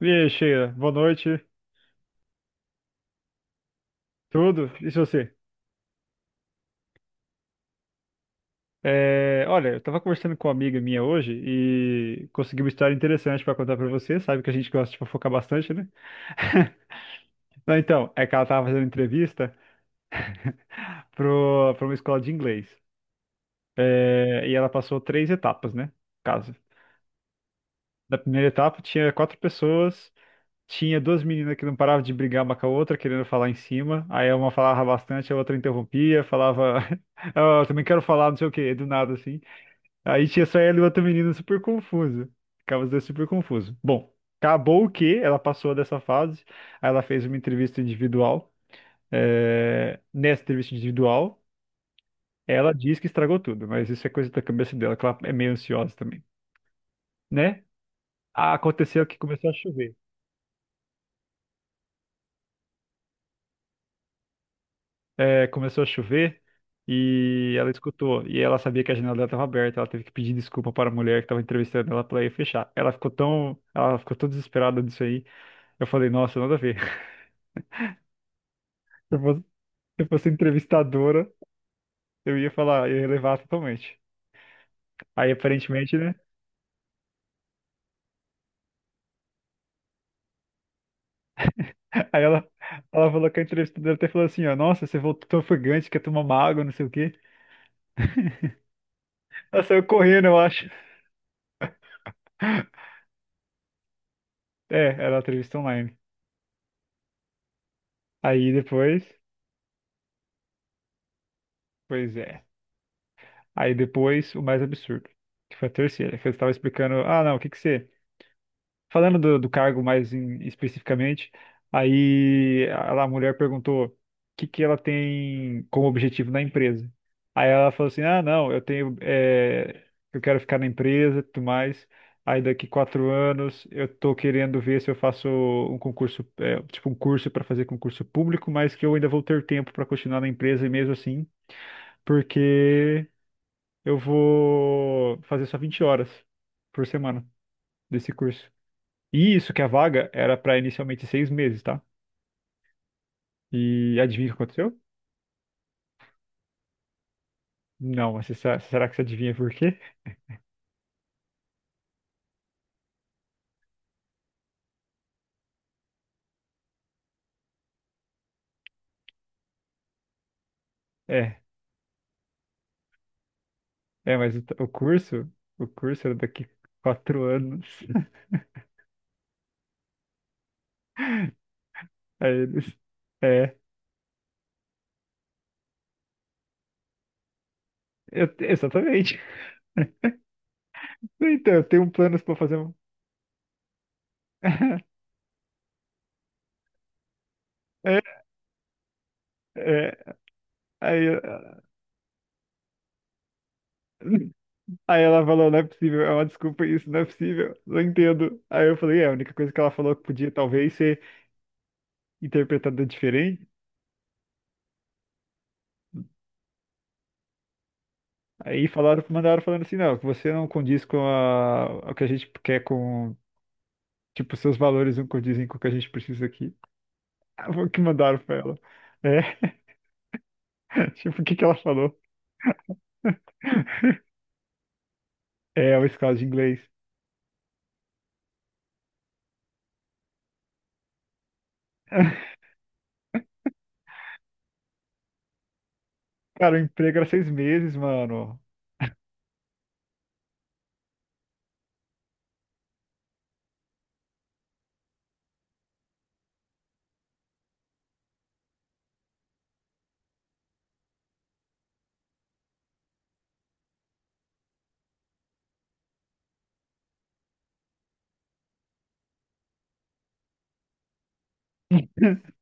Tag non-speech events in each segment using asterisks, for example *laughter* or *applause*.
E aí, Sheila, boa noite, tudo? E se você? É, olha, eu tava conversando com uma amiga minha hoje e consegui uma história interessante pra contar pra você, sabe que a gente gosta de fofocar bastante, né? *laughs* Não, então, é que ela tava fazendo entrevista *laughs* pra uma escola de inglês. É, e ela passou três etapas, né? No caso. Na primeira etapa tinha quatro pessoas. Tinha duas meninas que não paravam de brigar uma com a outra, querendo falar em cima. Aí uma falava bastante, a outra interrompia, falava, *laughs* "Ah, eu também quero falar, não sei o quê, do nada assim." Aí tinha só ela e outra menina super confusa. Ficava os dois super confusos. Bom, acabou o que ela passou dessa fase. Aí ela fez uma entrevista individual. É, nessa entrevista individual, ela diz que estragou tudo, mas isso é coisa da cabeça dela, que ela é meio ansiosa também, né? Aconteceu que começou a chover. Começou a chover e ela escutou. E ela sabia que a janela dela estava aberta. Ela teve que pedir desculpa para a mulher que estava entrevistando ela para ir fechar. Ela ficou tão desesperada disso aí. Eu falei, nossa, nada a ver. *laughs* Se eu fosse, se eu fosse entrevistadora, eu ia falar, eu ia levar totalmente. Aí aparentemente, né? Aí ela falou que a entrevistadora até falou assim, ó, nossa, você voltou tão ofegante, quer tomar uma água, não sei o quê. Ela saiu correndo, eu acho. É, era a entrevista online. Aí depois, pois é. Aí depois o mais absurdo, que foi a terceira, que eu estava explicando, ah, não, o que que você. Falando do cargo mais especificamente, aí a mulher perguntou o que que ela tem como objetivo na empresa. Aí ela falou assim, ah, não, eu quero ficar na empresa e tudo mais. Aí daqui 4 anos eu tô querendo ver se eu faço um concurso, tipo um curso para fazer concurso público, mas que eu ainda vou ter tempo para continuar na empresa e mesmo assim porque eu vou fazer só 20 horas por semana desse curso. E isso que a vaga era para inicialmente 6 meses, tá? E adivinha o que aconteceu? Não, mas você será que você adivinha por quê? É, é, mas o, o curso era daqui 4 anos. *laughs* Aí eles, é, exatamente. *laughs* Então, eu tenho planos para fazer um. *laughs* É, é, aí, *laughs* Aí ela falou, não é possível, é uma desculpa isso, não é possível, não entendo. Aí eu falei, é, a única coisa que ela falou que podia talvez ser interpretada diferente. Aí falaram, mandaram falando assim, não, que você não condiz com a, o que a gente quer com, tipo, seus valores não condizem com o que a gente precisa aqui. *laughs* Ah, foi o que mandaram pra ela. É, *laughs* tipo, o que que ela falou? *laughs* É, uma escola de inglês. *laughs* Cara, o emprego era 6 meses, mano. *laughs*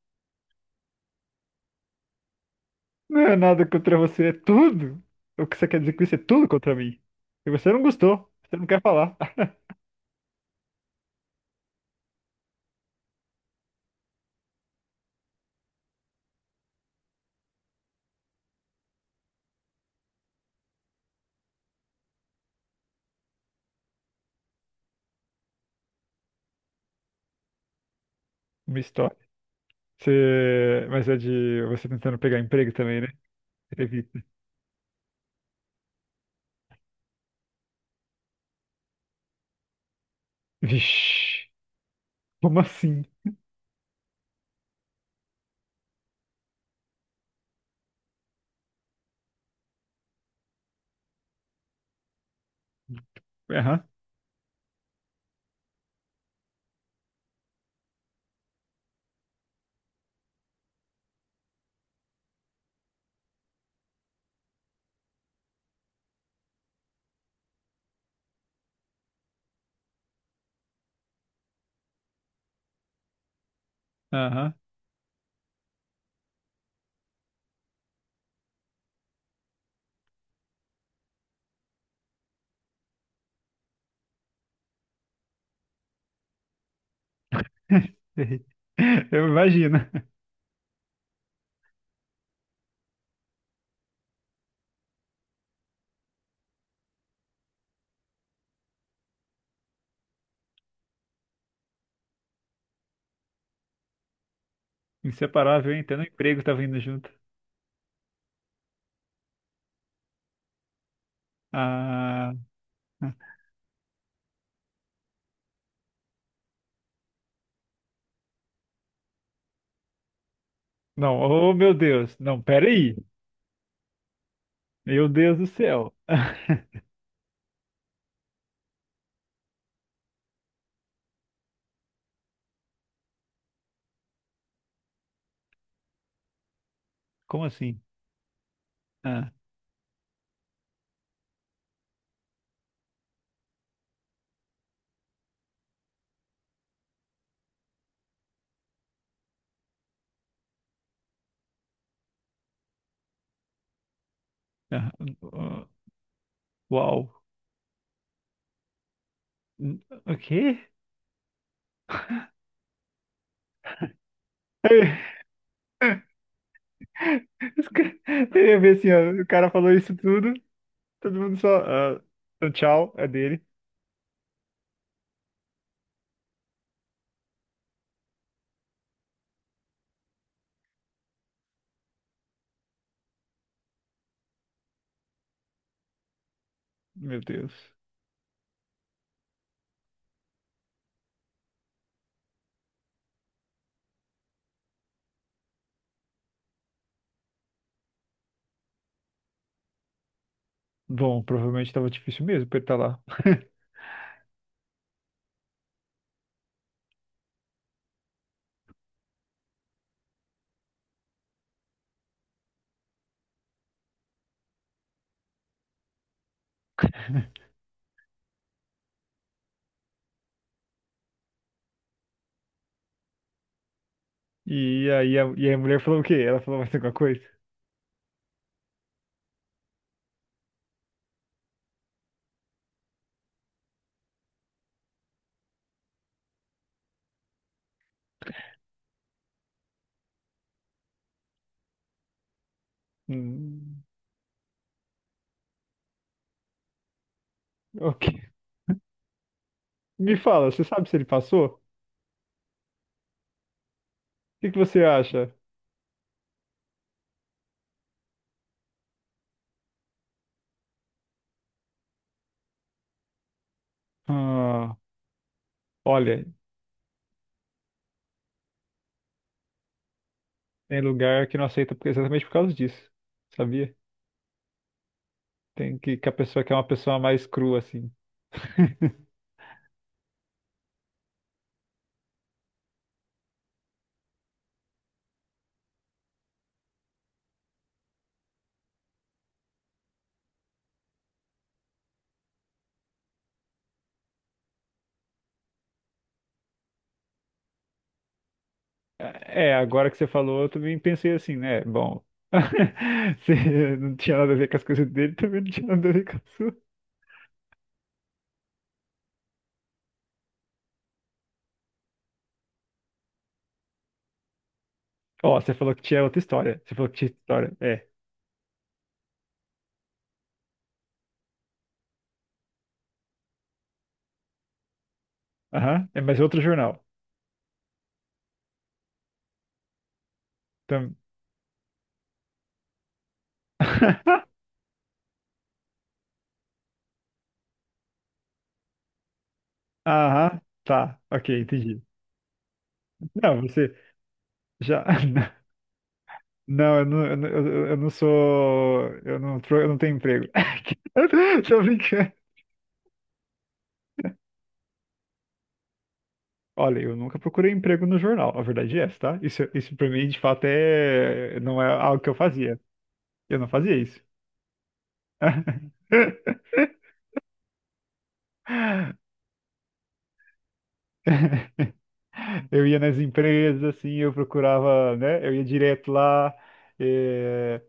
Não é nada contra você, é tudo. O que você quer dizer com isso é tudo contra mim. E você não gostou, você não quer falar. *laughs* Uma história. Você... Mas é de você tentando pegar emprego também, né? Entrevista. Vixe, como assim? Aham, aham. *laughs* Eu imagino. Inseparável, hein? Até no emprego tá vindo junto. Ah, não, oh meu Deus. Não, peraí. Meu Deus do céu. *laughs* Como assim? Ah, ah, ah, uau. O quê? *laughs* Os ca- Eu ia ver assim, ó, o cara falou isso tudo, todo mundo só, ah, então tchau, é dele. Meu Deus. Bom, provavelmente tava difícil mesmo pra ele tá lá. *laughs* E aí a mulher falou o quê? Ela falou mais alguma coisa? Hum, ok. Me fala, você sabe se ele passou? O que que você acha? Ah, olha, tem lugar que não aceita exatamente por causa disso. Sabia? Tem que a pessoa quer uma pessoa mais crua, assim. *laughs* É, agora que você falou, eu também pensei assim, né? Bom, *laughs* se não tinha nada a ver com as coisas dele, também não tinha nada a ver com a sua. Ó, você falou que tinha outra história. Você falou que tinha história. É. Aham. É, mas outro jornal. Tam- *laughs* Aham. Tá. Ok, entendi. Não, você já. *laughs* Não, eu não sou. Eu não tenho emprego. *laughs* Tô brincando. Olha, eu nunca procurei emprego no jornal. A verdade é essa, tá? Isso pra mim, de fato, é... não é algo que eu fazia. Eu não fazia isso. *laughs* Eu ia nas empresas, assim, eu procurava, né? Eu ia direto lá, eh,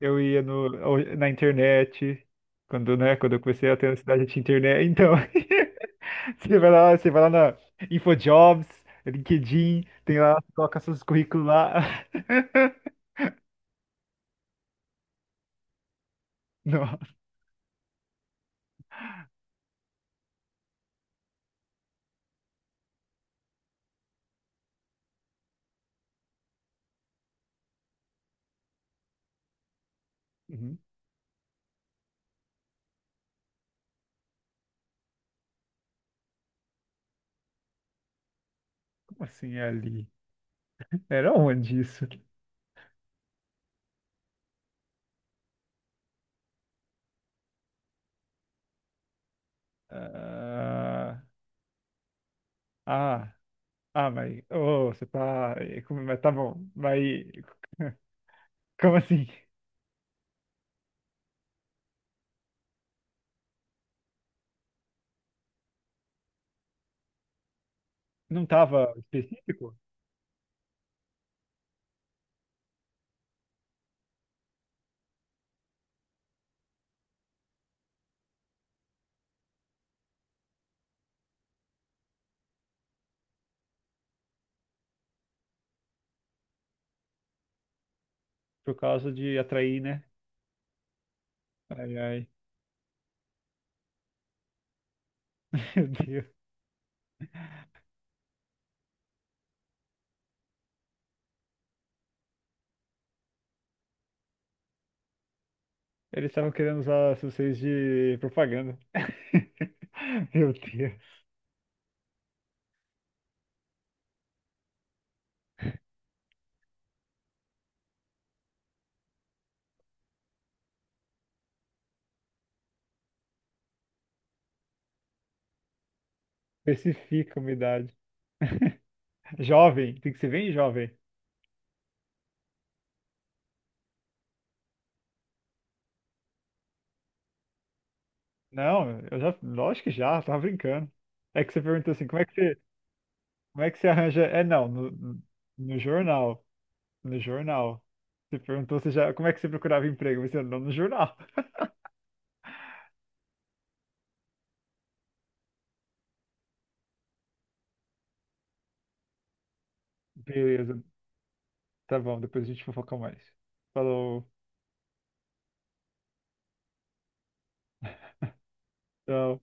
eu ia no, na internet, quando, né, quando eu comecei a ter a cidade de internet, então, *laughs* você vai lá na InfoJobs, LinkedIn, tem lá, coloca seus currículos lá. *laughs* Nossa, uhum, como assim é ali? Era onde isso? Ah, ah. Ah, mas ô, você tá. Como- Mas tá bom. Mas *laughs* como assim? Não tava específico? Por causa de atrair, né? Ai, ai. *laughs* Meu Deus. Eles estavam querendo usar vocês de propaganda. *laughs* Meu Deus. Especifica a umidade. *laughs* Jovem, tem que ser bem jovem. Não, eu já, lógico que já, tava brincando. É que você perguntou assim, como é que você, como é que você arranja? É, não, no, no jornal. No jornal. Você perguntou se já, como é que você procurava emprego? Você não no jornal. *laughs* Beleza. Tá bom, depois a gente fofoca mais. Falou. Tchau.